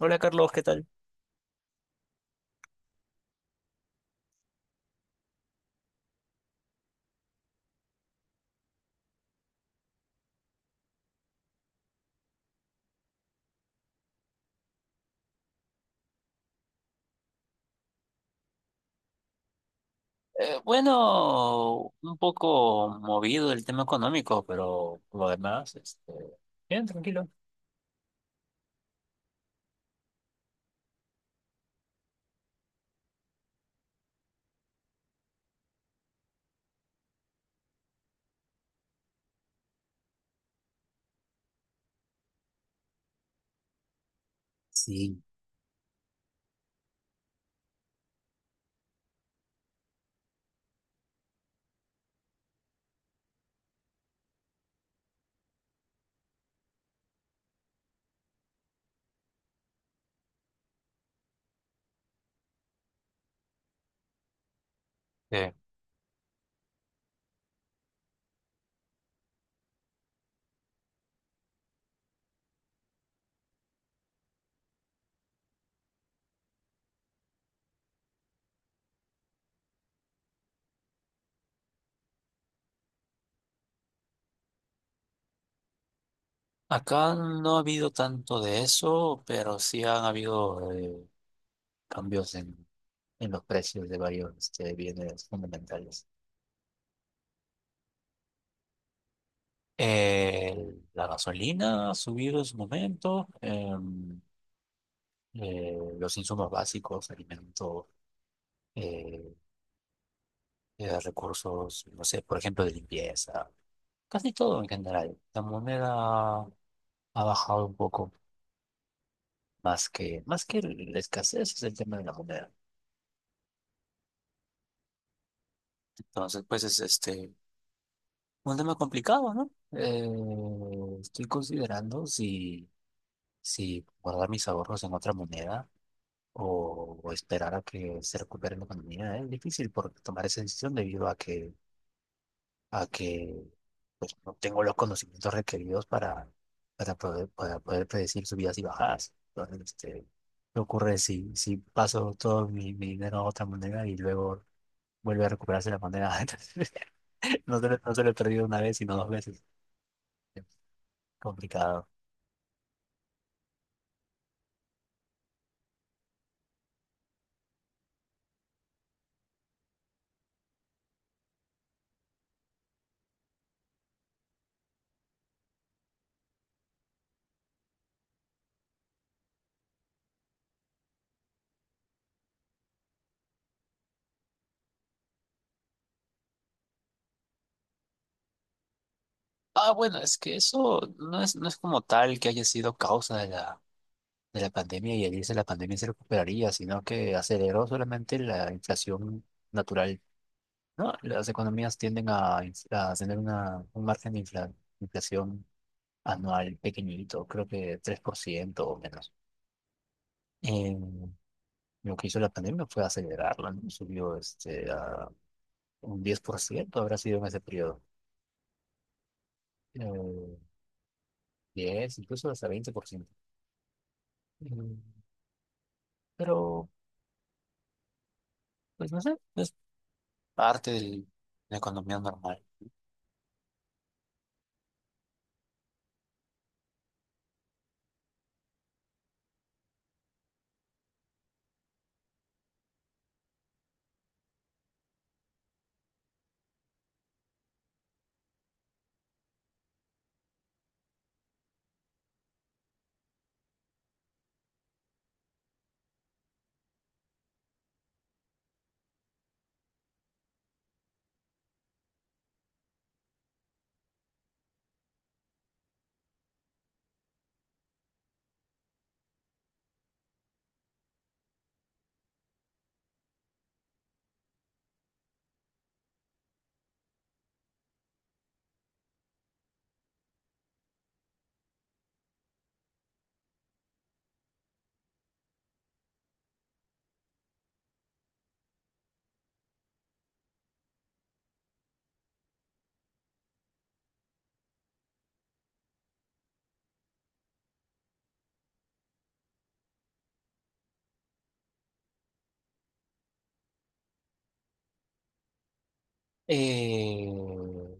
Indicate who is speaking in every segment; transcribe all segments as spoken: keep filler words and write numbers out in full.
Speaker 1: Hola Carlos, ¿qué tal? Eh, bueno, un poco movido el tema económico, pero lo demás, este, bien, tranquilo. Sí. Eh, Acá no ha habido tanto de eso, pero sí han habido eh, cambios en, en los precios de varios este, bienes fundamentales. Eh, la gasolina ha subido en su momento, em, eh, los insumos básicos, alimentos, eh, eh, recursos, no sé, por ejemplo, de limpieza. Casi todo en general. La moneda ha bajado un poco más que, más que la escasez es el tema de la moneda. Entonces, pues es este un tema complicado, ¿no? Eh, estoy considerando si, si guardar mis ahorros en otra moneda o, o esperar a que se recupere la economía. Es difícil por tomar esa decisión debido a que a que pues, no tengo los conocimientos requeridos para, para poder, para poder predecir subidas y bajadas. Entonces, este, ¿qué ocurre si, si paso todo mi, mi dinero a otra moneda y luego vuelve a recuperarse la moneda? Entonces, no se, lo- no se lo he perdido una vez, sino dos veces. Complicado. Ah, bueno, es que eso no es, no es como tal que haya sido causa de la, de la pandemia y al irse la pandemia se recuperaría, sino que aceleró solamente la inflación natural. No, las economías tienden a, inf- a tener una, un margen de infla- inflación anual pequeñito, creo que tres por ciento o menos. En- lo que hizo la pandemia fue acelerarla, ¿no? Subió este, a un diez por ciento habrá sido en ese periodo. Eh, diez, incluso hasta veinte por ciento. Mm, pero, pues no sé, es parte de la economía normal. Eh,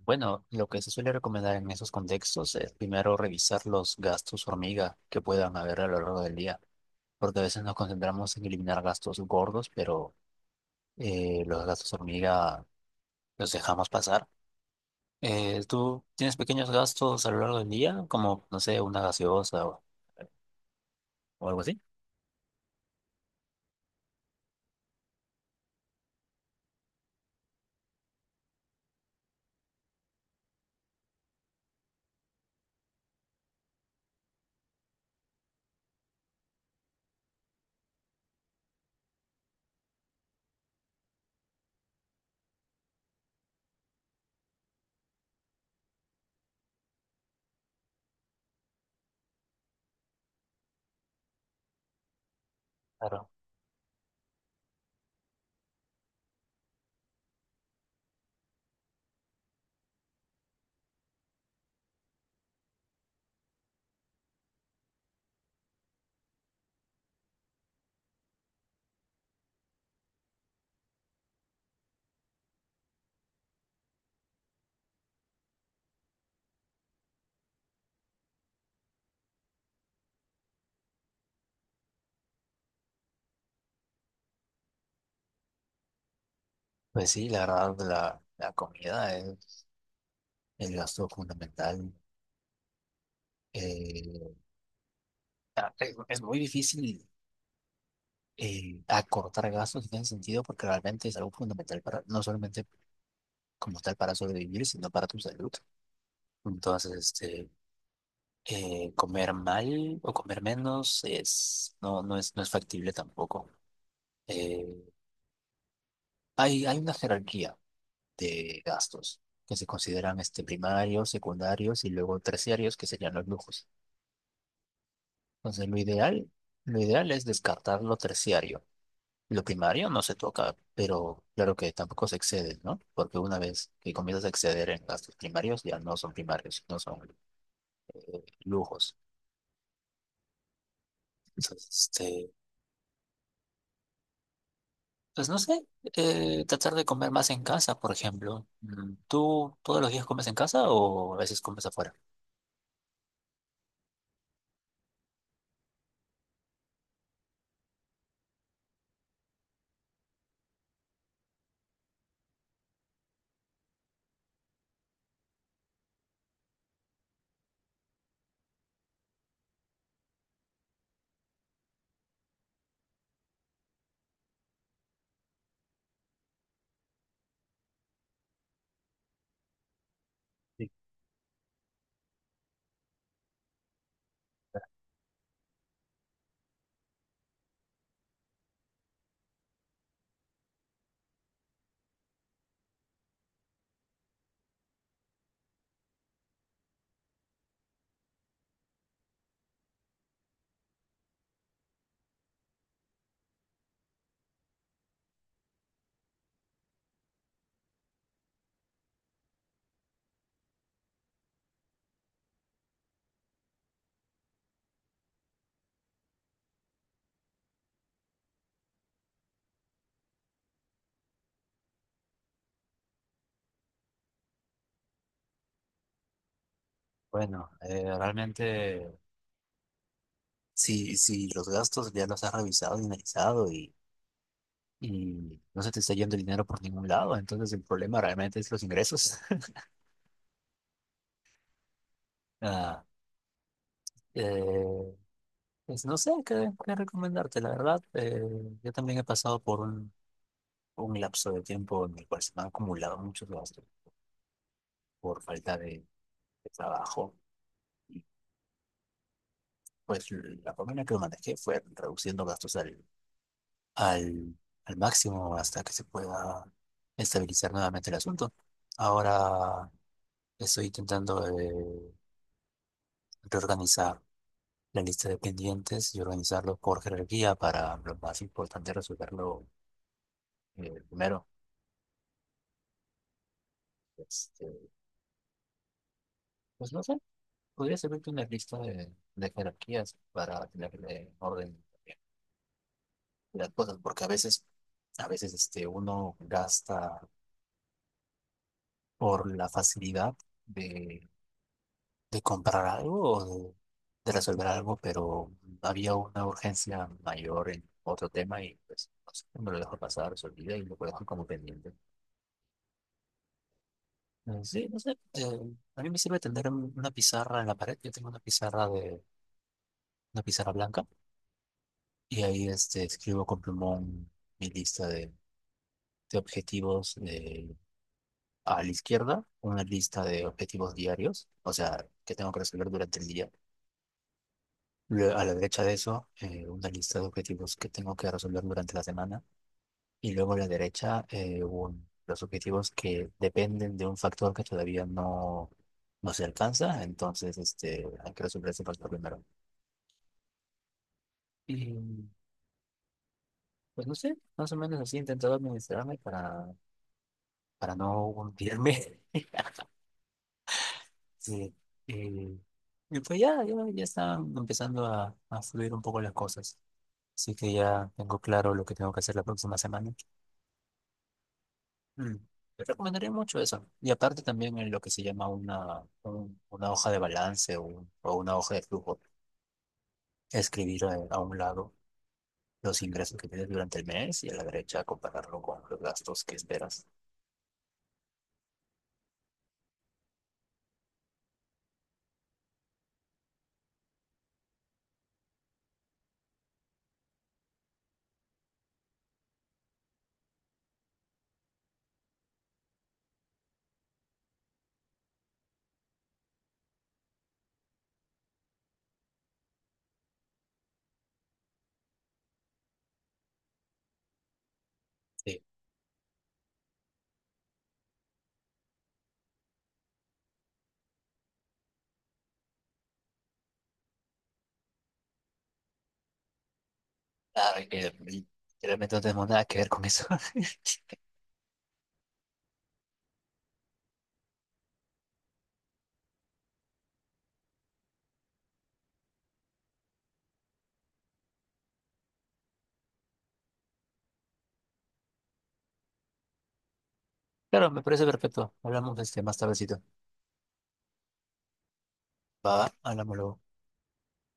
Speaker 1: bueno, lo que se suele recomendar en esos contextos es primero revisar los gastos hormiga que puedan haber a lo largo del día, porque a veces nos concentramos en eliminar gastos gordos, pero eh, los gastos hormiga los dejamos pasar. Eh, ¿tú tienes pequeños gastos a lo largo del día, como, no sé, una gaseosa o, o algo así? Claro. Pues sí, la verdad, la, la comida es el gasto fundamental. Eh, ah, es es muy difícil eh, acortar gastos en ese sentido, porque realmente es algo fundamental para, no solamente como tal para sobrevivir, sino para tu salud. Entonces, este, eh, comer mal o comer menos es, no, no es, no es factible tampoco. Eh, hay, hay una jerarquía de gastos que se consideran este, primarios, secundarios y luego terciarios, que serían los lujos. Entonces, lo ideal, lo ideal es descartar lo terciario. Lo primario no se toca, pero claro que tampoco se excede, ¿no? Porque una vez que comienzas a exceder en gastos primarios, ya no son primarios, no son eh, lujos. Entonces, este, pues no sé, eh, tratar de comer más en casa, por ejemplo. Mm, ¿tú todos los días comes en casa o a veces comes afuera? Sí. Bueno, eh, realmente, si, si los gastos ya los has revisado y analizado y, y no se te está yendo el dinero por ningún lado, entonces el problema realmente es los ingresos. Ah, eh, pues no sé qué, qué recomendarte, la verdad. Eh, yo también he pasado por un, un lapso de tiempo en el cual se me han acumulado muchos gastos por falta de, de trabajo. Y pues la forma en que lo manejé fue reduciendo gastos al, al, al máximo hasta que se pueda estabilizar nuevamente el asunto. Ahora estoy intentando eh, reorganizar la lista de pendientes y organizarlo por jerarquía para lo más importante resolverlo eh, primero. Este, pues no sé. Podría servirte una lista de, de jerarquías para tenerle orden también de las cosas, porque a veces, a veces este, uno gasta por la facilidad de, de comprar algo o de, de resolver algo, pero había una urgencia mayor en otro tema y pues no sé, me lo dejo pasar, se olvida y lo dejo como pendiente. Eh, Sí, no sé, eh, a mí me sirve tener un- una pizarra en la pared, yo tengo una pizarra de, una pizarra blanca y ahí este, escribo con plumón mi lista de de objetivos de- a la izquierda, una lista de objetivos diarios, o sea, que tengo que resolver durante el día. Lue- A la derecha de eso, eh, una lista de objetivos que tengo que resolver durante la semana. Y luego a la derecha, eh, un- los objetivos que dependen de un factor que todavía no, no se alcanza. Entonces, este, hay que resolver ese factor primero. Y pues no sé, más o menos así he intentado administrarme para, para no hundirme. Sí. eh, y pues ya, ya, ya están empezando a, a fluir un poco las cosas. Así que ya tengo claro lo que tengo que hacer la próxima semana. Mm, te recomendaría mucho eso. Y aparte también en lo que se llama una, un- una hoja de balance o, un- o una hoja de flujo. Escribir a, a un lado los ingresos que tienes durante el mes y a la derecha compararlo con los gastos que esperas. Sí. Claro, y que y realmente no tenemos nada que ver con eso. Claro, me parece perfecto. Hablamos de este más tardecito. Va, hablámoslo.